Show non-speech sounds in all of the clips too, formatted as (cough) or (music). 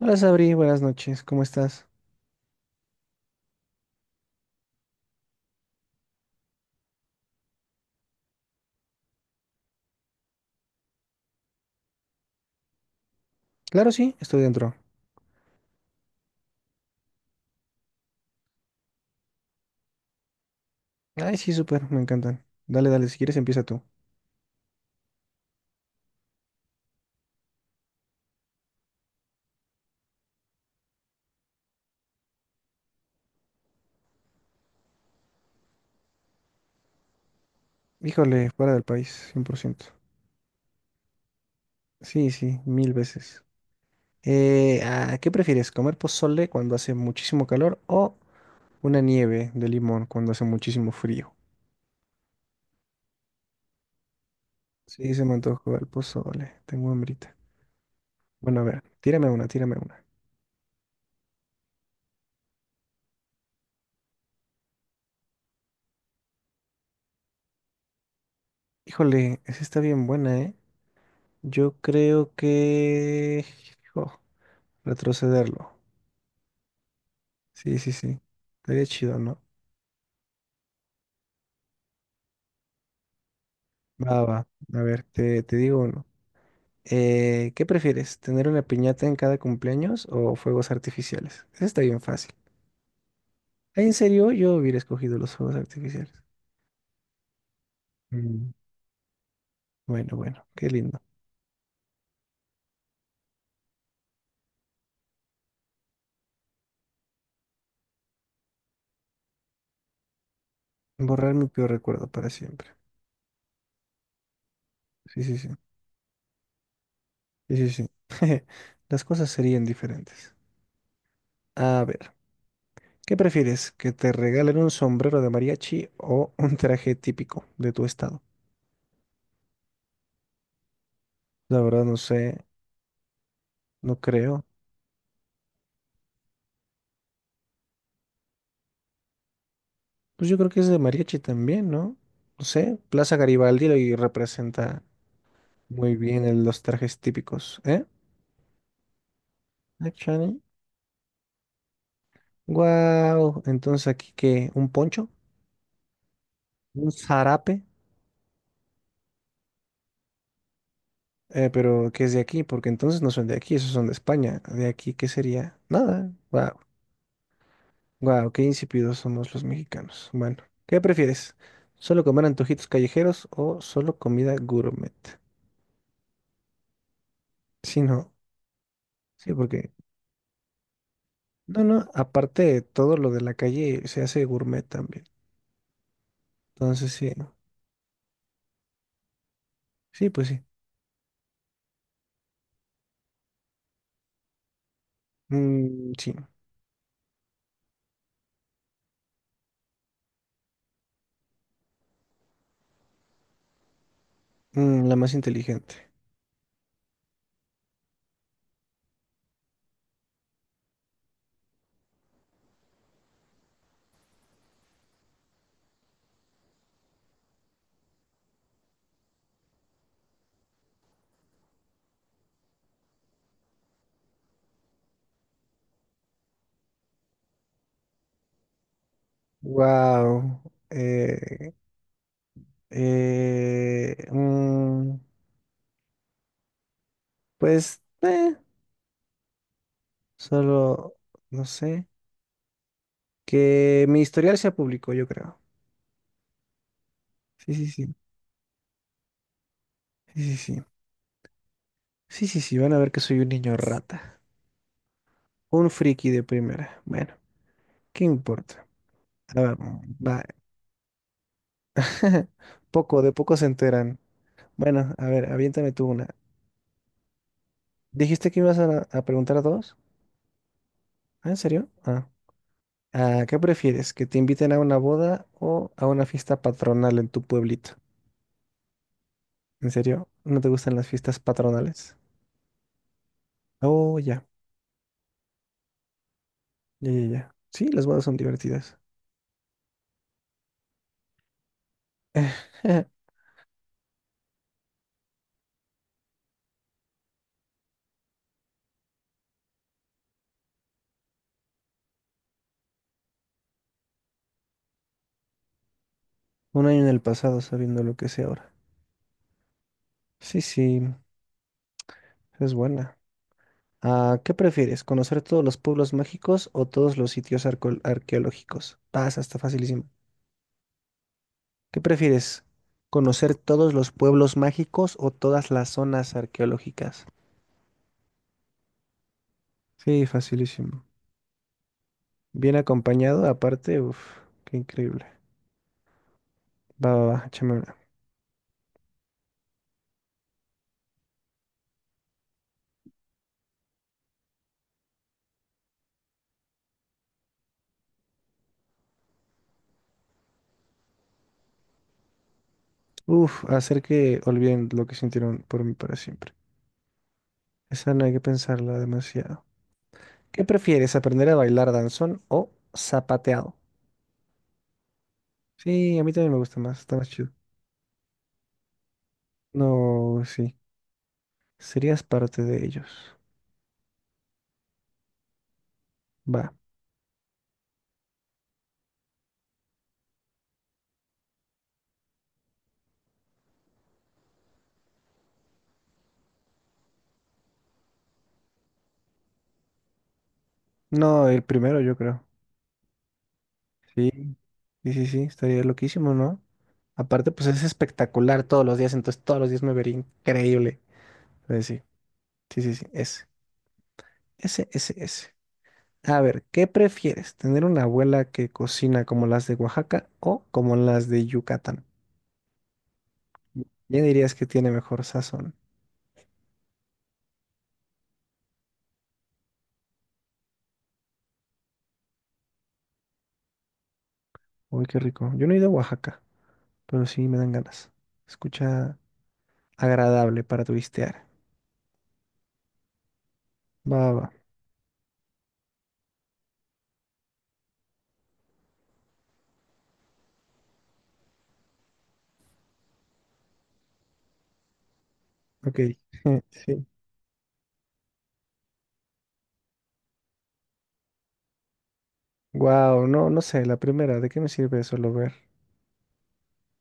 Hola, Sabri, buenas noches, ¿cómo estás? Claro, sí, estoy dentro. Ay, sí, súper, me encantan. Dale, dale, si quieres empieza tú. Híjole, fuera del país, 100%. Sí, sí, mil veces. ¿Qué prefieres, comer pozole cuando hace muchísimo calor o una nieve de limón cuando hace muchísimo frío? Sí, se me antojó el pozole, tengo hambrita. Bueno, a ver, tírame una, tírame una. Híjole, esa está bien buena, ¿eh? Yo creo que, jo, retrocederlo. Sí, sí, sí. Estaría chido, ¿no? Va, va. A ver, te digo uno. ¿Qué prefieres? ¿Tener una piñata en cada cumpleaños o fuegos artificiales? Eso está bien fácil. Ay, en serio, yo hubiera escogido los fuegos artificiales. Mm. Bueno, bueno, qué lindo. Borrar mi peor recuerdo para siempre. Sí, sí, sí. Sí, sí, sí. Las cosas serían diferentes. A ver, ¿qué prefieres? ¿Que te regalen un sombrero de mariachi o un traje típico de tu estado? La verdad no sé, no creo. Pues yo creo que es de mariachi también, ¿no? No sé, Plaza Garibaldi y representa muy bien los trajes típicos, ¿eh? Ah, Chani. Guau, entonces aquí qué, un poncho, un zarape, pero que es de aquí, porque entonces no son de aquí, esos son de España. De aquí, ¿qué sería? Nada. Guau, guau, qué insípidos somos los mexicanos. Bueno, ¿qué prefieres? ¿Solo comer antojitos callejeros o solo comida gourmet? Sí, no. Sí, porque no, no, aparte todo lo de la calle se hace gourmet también. Entonces sí, sí, pues sí. Mm, sí. Mm, la más inteligente. Wow. Eh, eh, mm, pues, solo, no sé, que mi historial sea público, yo creo. Sí, sí, sí, sí, sí, sí. Sí, sí, sí, van a ver que soy un niño rata. Un friki de primera. Bueno, ¿qué importa? A ver, va. (laughs) Poco, de poco se enteran. Bueno, a ver, aviéntame tú una. Dijiste que ibas a preguntar dos. ¿Ah, en serio? Ah. Ah, ¿qué prefieres? ¿Que te inviten a una boda o a una fiesta patronal en tu pueblito? ¿En serio? ¿No te gustan las fiestas patronales? Oh, ya, ya, ya, ya. Sí, las bodas son divertidas. (laughs) Un año en el pasado sabiendo lo que sé ahora. Sí, sí, es buena. Ah, ¿qué prefieres? ¿Conocer todos los pueblos mágicos o todos los sitios arqueológicos? Pasa, está facilísimo. ¿Qué prefieres? ¿Conocer todos los pueblos mágicos o todas las zonas arqueológicas? Sí, facilísimo. Bien acompañado, aparte, uff, qué increíble. Va, va, va, échame una. Uf, hacer que olviden lo que sintieron por mí para siempre. Esa no hay que pensarla demasiado. ¿Qué prefieres, aprender a bailar danzón o zapateado? Sí, a mí también me gusta más, está más chido. No, sí, serías parte de ellos. Va. No, el primero yo creo. Sí, sí, sí, sí, estaría loquísimo, ¿no? Aparte, pues es espectacular todos los días, entonces todos los días me vería increíble. Entonces, sí, sí, sí, sí, ese, ese, ese, ese. A ver, ¿qué prefieres? ¿Tener una abuela que cocina como las de Oaxaca o como las de Yucatán? ¿Quién dirías que tiene mejor sazón? Uy, qué rico. Yo no he ido a Oaxaca, pero sí me dan ganas. Escucha agradable para turistear. Va, va, va. Ok. (laughs) Sí. Wow, no, no sé, la primera, ¿de qué me sirve solo ver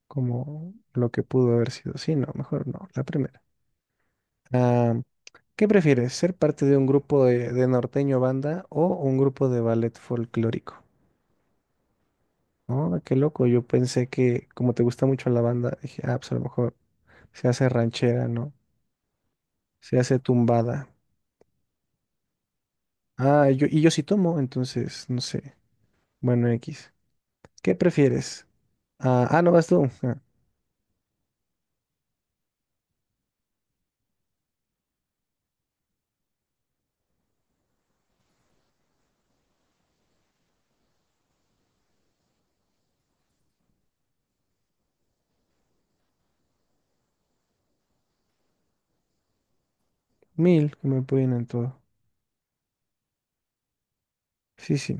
como lo que pudo haber sido? Sí, no, mejor no, la primera. Ah, ¿qué prefieres, ser parte de un grupo de norteño banda o un grupo de ballet folclórico? Oh, qué loco, yo pensé que como te gusta mucho la banda, dije, ah, pues a lo mejor se hace ranchera, ¿no? Se hace tumbada. Ah, yo, y yo sí tomo, entonces, no sé. Bueno, X. ¿Qué prefieres? Ah, ah, no vas tú. Ah, mil, que me pueden en todo. Sí, sí.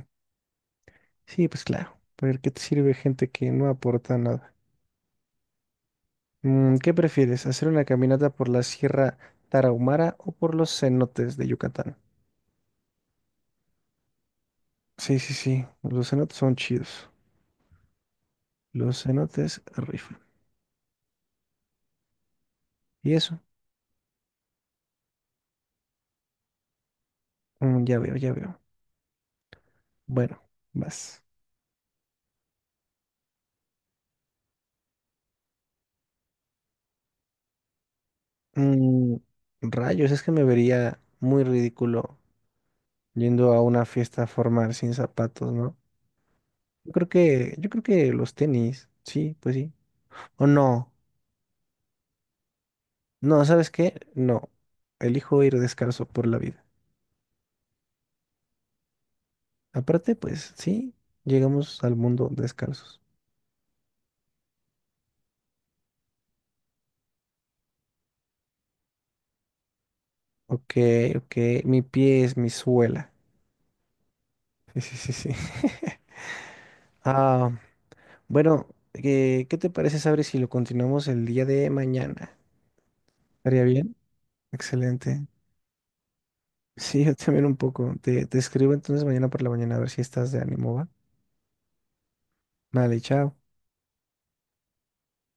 Sí, pues claro. ¿Porque qué te sirve gente que no aporta nada? Mm, ¿qué prefieres, hacer una caminata por la Sierra Tarahumara o por los cenotes de Yucatán? Sí, sí, sí, los cenotes son chidos. Los cenotes rifan. ¿Y eso? Mm, ya veo, ya veo. Bueno, vas. Mm, rayos, es que me vería muy ridículo yendo a una fiesta formal sin zapatos, ¿no? Yo creo que los tenis, sí, pues sí. O no, no, ¿sabes qué? No, elijo ir descalzo por la vida. Aparte, pues sí, llegamos al mundo descalzos. Ok, ok, mi pie es mi suela. (laughs) Sí, sí, sí, sí. (laughs) Ah, bueno, ¿qué te parece, Sabri, si lo continuamos el día de mañana? ¿Estaría bien? Excelente. Sí, yo también un poco. Te escribo entonces mañana por la mañana a ver si estás de ánimo, ¿va? Vale, chao.